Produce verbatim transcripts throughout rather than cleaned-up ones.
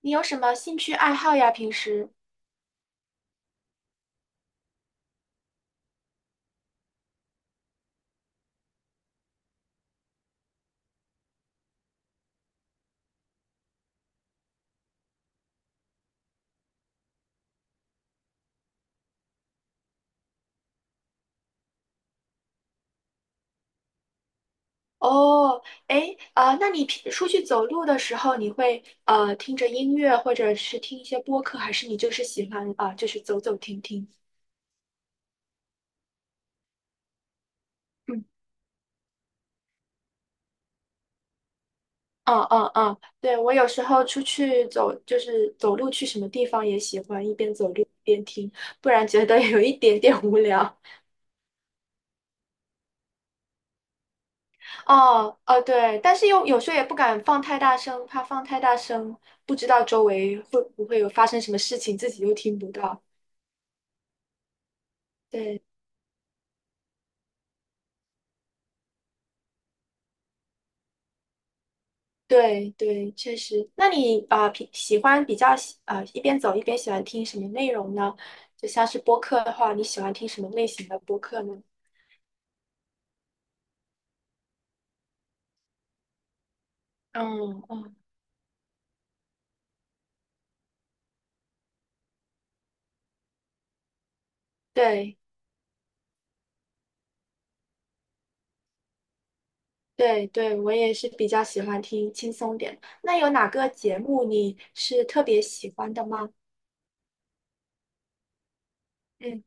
你有什么兴趣爱好呀？平时？哦，哎，啊，那你平出去走路的时候，你会呃听着音乐，或者是听一些播客，还是你就是喜欢啊，呃就是走走停停？嗯嗯嗯嗯，对，我有时候出去走，就是走路去什么地方也喜欢一边走路一边听，不然觉得有一点点无聊。哦哦，对，但是又有时候也不敢放太大声，怕放太大声，不知道周围会不会有发生什么事情，自己又听不到。对。对对，确实。那你啊，呃平、喜欢比较喜啊、一边走一边喜欢听什么内容呢？就像是播客的话，你喜欢听什么类型的播客呢？嗯嗯。对对对，我也是比较喜欢听轻松点。那有哪个节目你是特别喜欢的吗？嗯，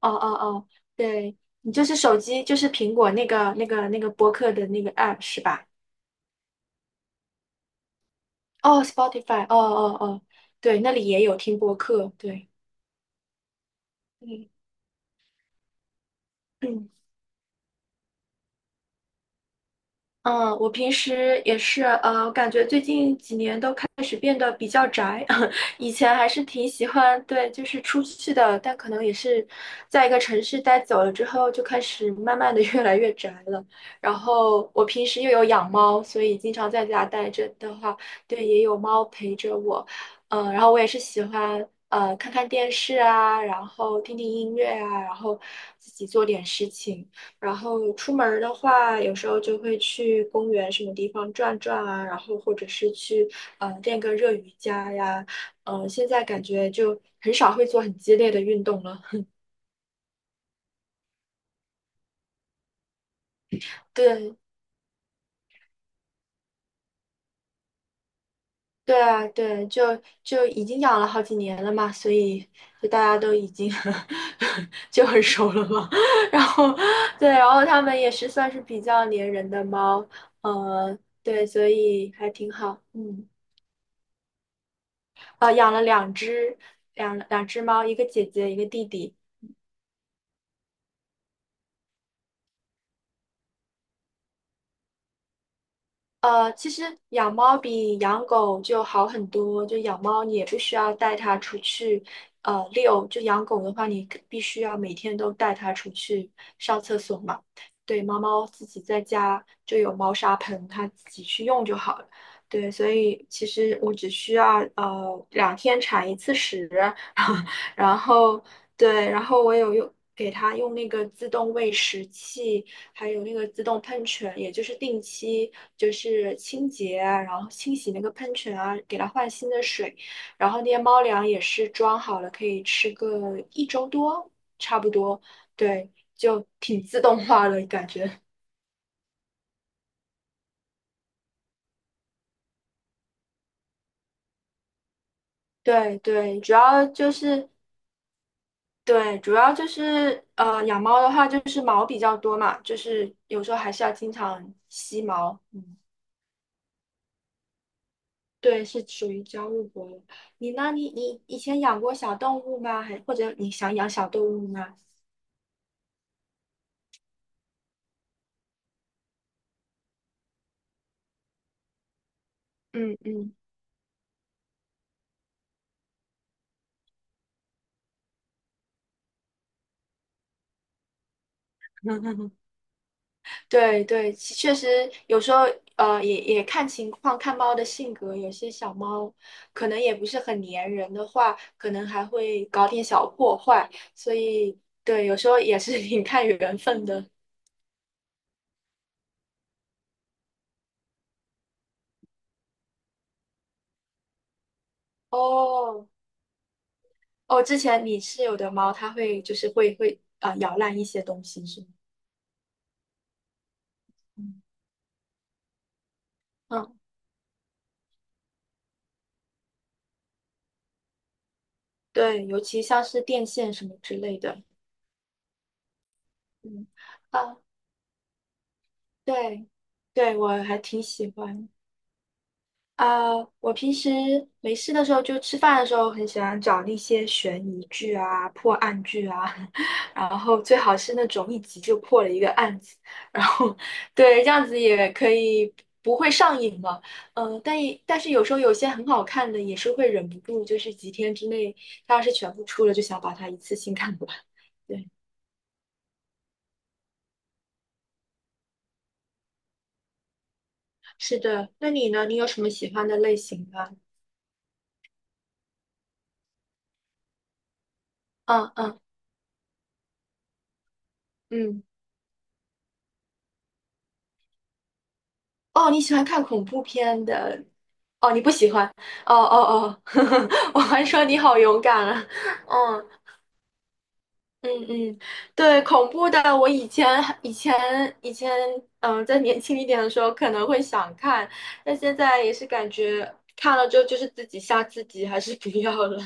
哦哦哦，对，你就是手机，就是苹果那个那个那个播客的那个 A P P 是吧？哦，Spotify,哦哦哦，对，那里也有听播客，对，嗯嗯。嗯，我平时也是，呃，我感觉最近几年都开始变得比较宅，以前还是挺喜欢，对，就是出去的，但可能也是在一个城市待久了之后，就开始慢慢的 越来越宅了。然后我平时又有养猫，所以经常在家待着的话，对，也有猫陪着我，嗯、然后我也是喜欢，呃，看看电视啊，然后听听音乐啊，然后自己做点事情。然后出门儿的话，有时候就会去公园什么地方转转啊，然后或者是去呃练个热瑜伽呀，呃，现在感觉就很少会做很激烈的运动了。对，对啊，对，就就已经养了好几年了嘛，所以就大家都已经 就很熟了嘛。然后对，然后它们也是算是比较粘人的猫，呃，对，所以还挺好，嗯。呃，养了两只两两只猫，一个姐姐，一个弟弟。呃，其实养猫比养狗就好很多。就养猫，你也不需要带它出去，呃，遛。就养狗的话，你可必须要每天都带它出去上厕所嘛。对，猫猫自己在家就有猫砂盆，它自己去用就好了。对，所以其实我只需要呃两天铲一次屎，然后对，然后我有用给它用那个自动喂食器。还有那个自动喷泉，也就是定期就是清洁啊，然后清洗那个喷泉啊，给它换新的水。然后那些猫粮也是装好了，可以吃个一周多，差不多。对，就挺自动化的感觉。对对，主要就是对，主要就是呃，养猫的话就是毛比较多嘛，就是有时候还是要经常吸毛。嗯对，是属于家务活物。你呢？你你以前养过小动物吗？还或者你想养小动物吗？嗯嗯，对对，其确实有时候呃也也看情况，看猫的性格，有些小猫可能也不是很粘人的话，可能还会搞点小破坏，所以对，有时候也是 挺看缘分的。哦哦，之前你室友的猫，它会就是会会啊、呃咬烂一些东西是吗？嗯对，尤其像是电线什么之类的，嗯，啊，对，对，我还挺喜欢啊。我平时没事的时候，就吃饭的时候，很喜欢找那些悬疑剧啊、破案剧啊，然后最好是那种一集就破了一个案子，然后对，这样子也可以不会上瘾嘛。嗯、但也但是有时候有些很好看的，也是会忍不住，就是几天之内，它要是全部出了，就想把它一次性看完。对。是的，那你呢？你有什么喜欢的类型吗？嗯嗯嗯，哦，你喜欢看恐怖片的？哦，你不喜欢？哦哦哦，我还说你好勇敢啊！嗯嗯嗯，对，恐怖的，我以前以前以前，嗯，在年轻一点的时候可能会想看，但现在也是感觉看了之后就是自己吓自己，还是不要了。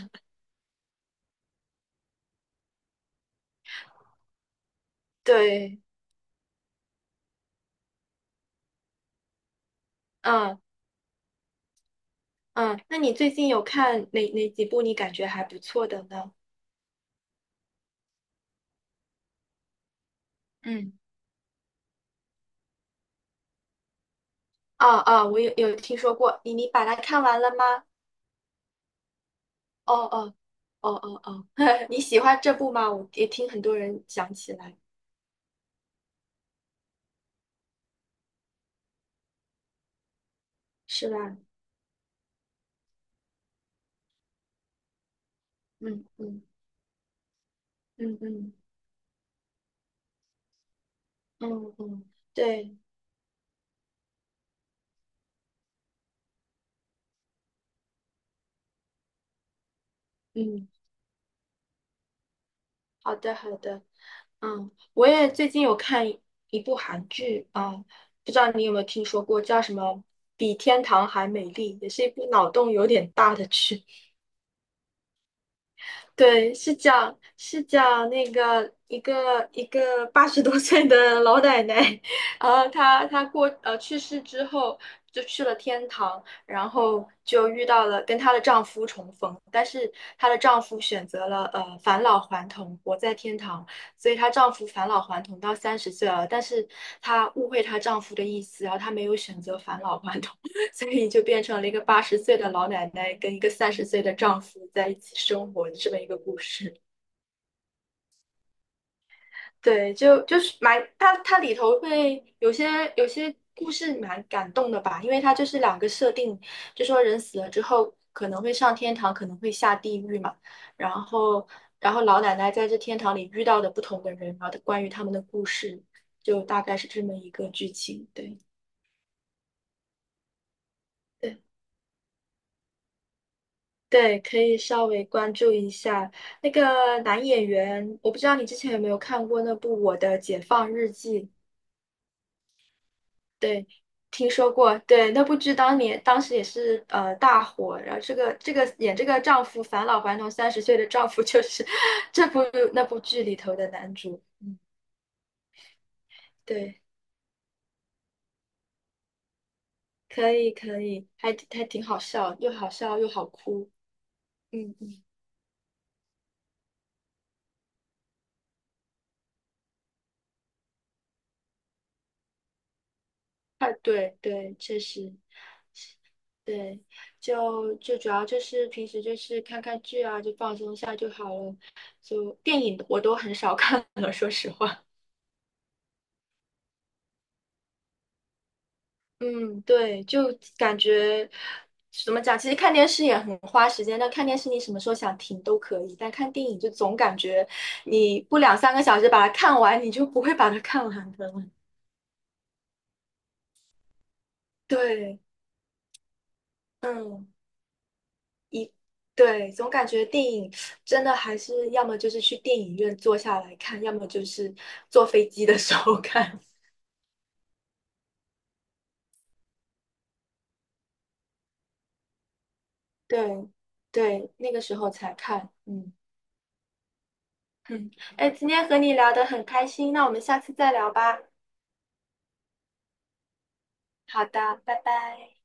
对，嗯嗯，那你最近有看哪哪几部你感觉还不错的呢？嗯。啊啊，我有有听说过，你你把它看完了吗？哦哦哦哦哦，你喜欢这部吗？我也听很多人讲起来，是吧？嗯嗯嗯嗯嗯嗯，对，嗯，好的好的，嗯，我也最近有看一一部韩剧啊，不知道你有没有听说过，叫什么《比天堂还美丽》，也是一部脑洞有点大的剧。对，是讲是讲那个一个一个八十多岁的老奶奶，然后她她过呃去世之后就去了天堂，然后就遇到了跟她的丈夫重逢，但是她的丈夫选择了呃返老还童，活在天堂，所以她丈夫返老还童到三十岁了，但是她误会她丈夫的意思，然后她没有选择返老还童。所以就变成了一个八十岁的老奶奶跟一个三十岁的丈夫在一起生活的这么一个故事。对，就就是蛮它它里头会有些有些故事蛮感动的吧，因为它就是两个设定，就说人死了之后可能会上天堂，可能会下地狱嘛，然后然后老奶奶在这天堂里遇到的不同的人，然后关于他们的故事，就大概是这么一个剧情。对对，对，可以稍微关注一下那个男演员，我不知道你之前有没有看过那部《我的解放日记》？对，听说过。对，那部剧当年当时也是呃大火，然后这个这个演这个丈夫返老还童三十岁的丈夫就是 这部那部剧里头的男主。嗯，对，可以可以，还还挺好笑，又好笑又好哭。嗯嗯，啊，对对，确实。对，就就主要就是平时就是看看剧啊，就放松一下就好了。就电影我都很少 看了，说实话。嗯，对，就感觉怎么讲？其实看电视也很花时间，但看电视你什么时候想停都可以，但看电影就总感觉你不两三个小时把它看完，你就不会把它看完的了 对，嗯，对，总感觉电影真的还是要么就是去电影院坐下来看，要么就是坐飞机的时候 看。对对，那个时候才看，嗯嗯，哎，今天和你聊得很开心，那我们下次再聊吧。好的，拜拜。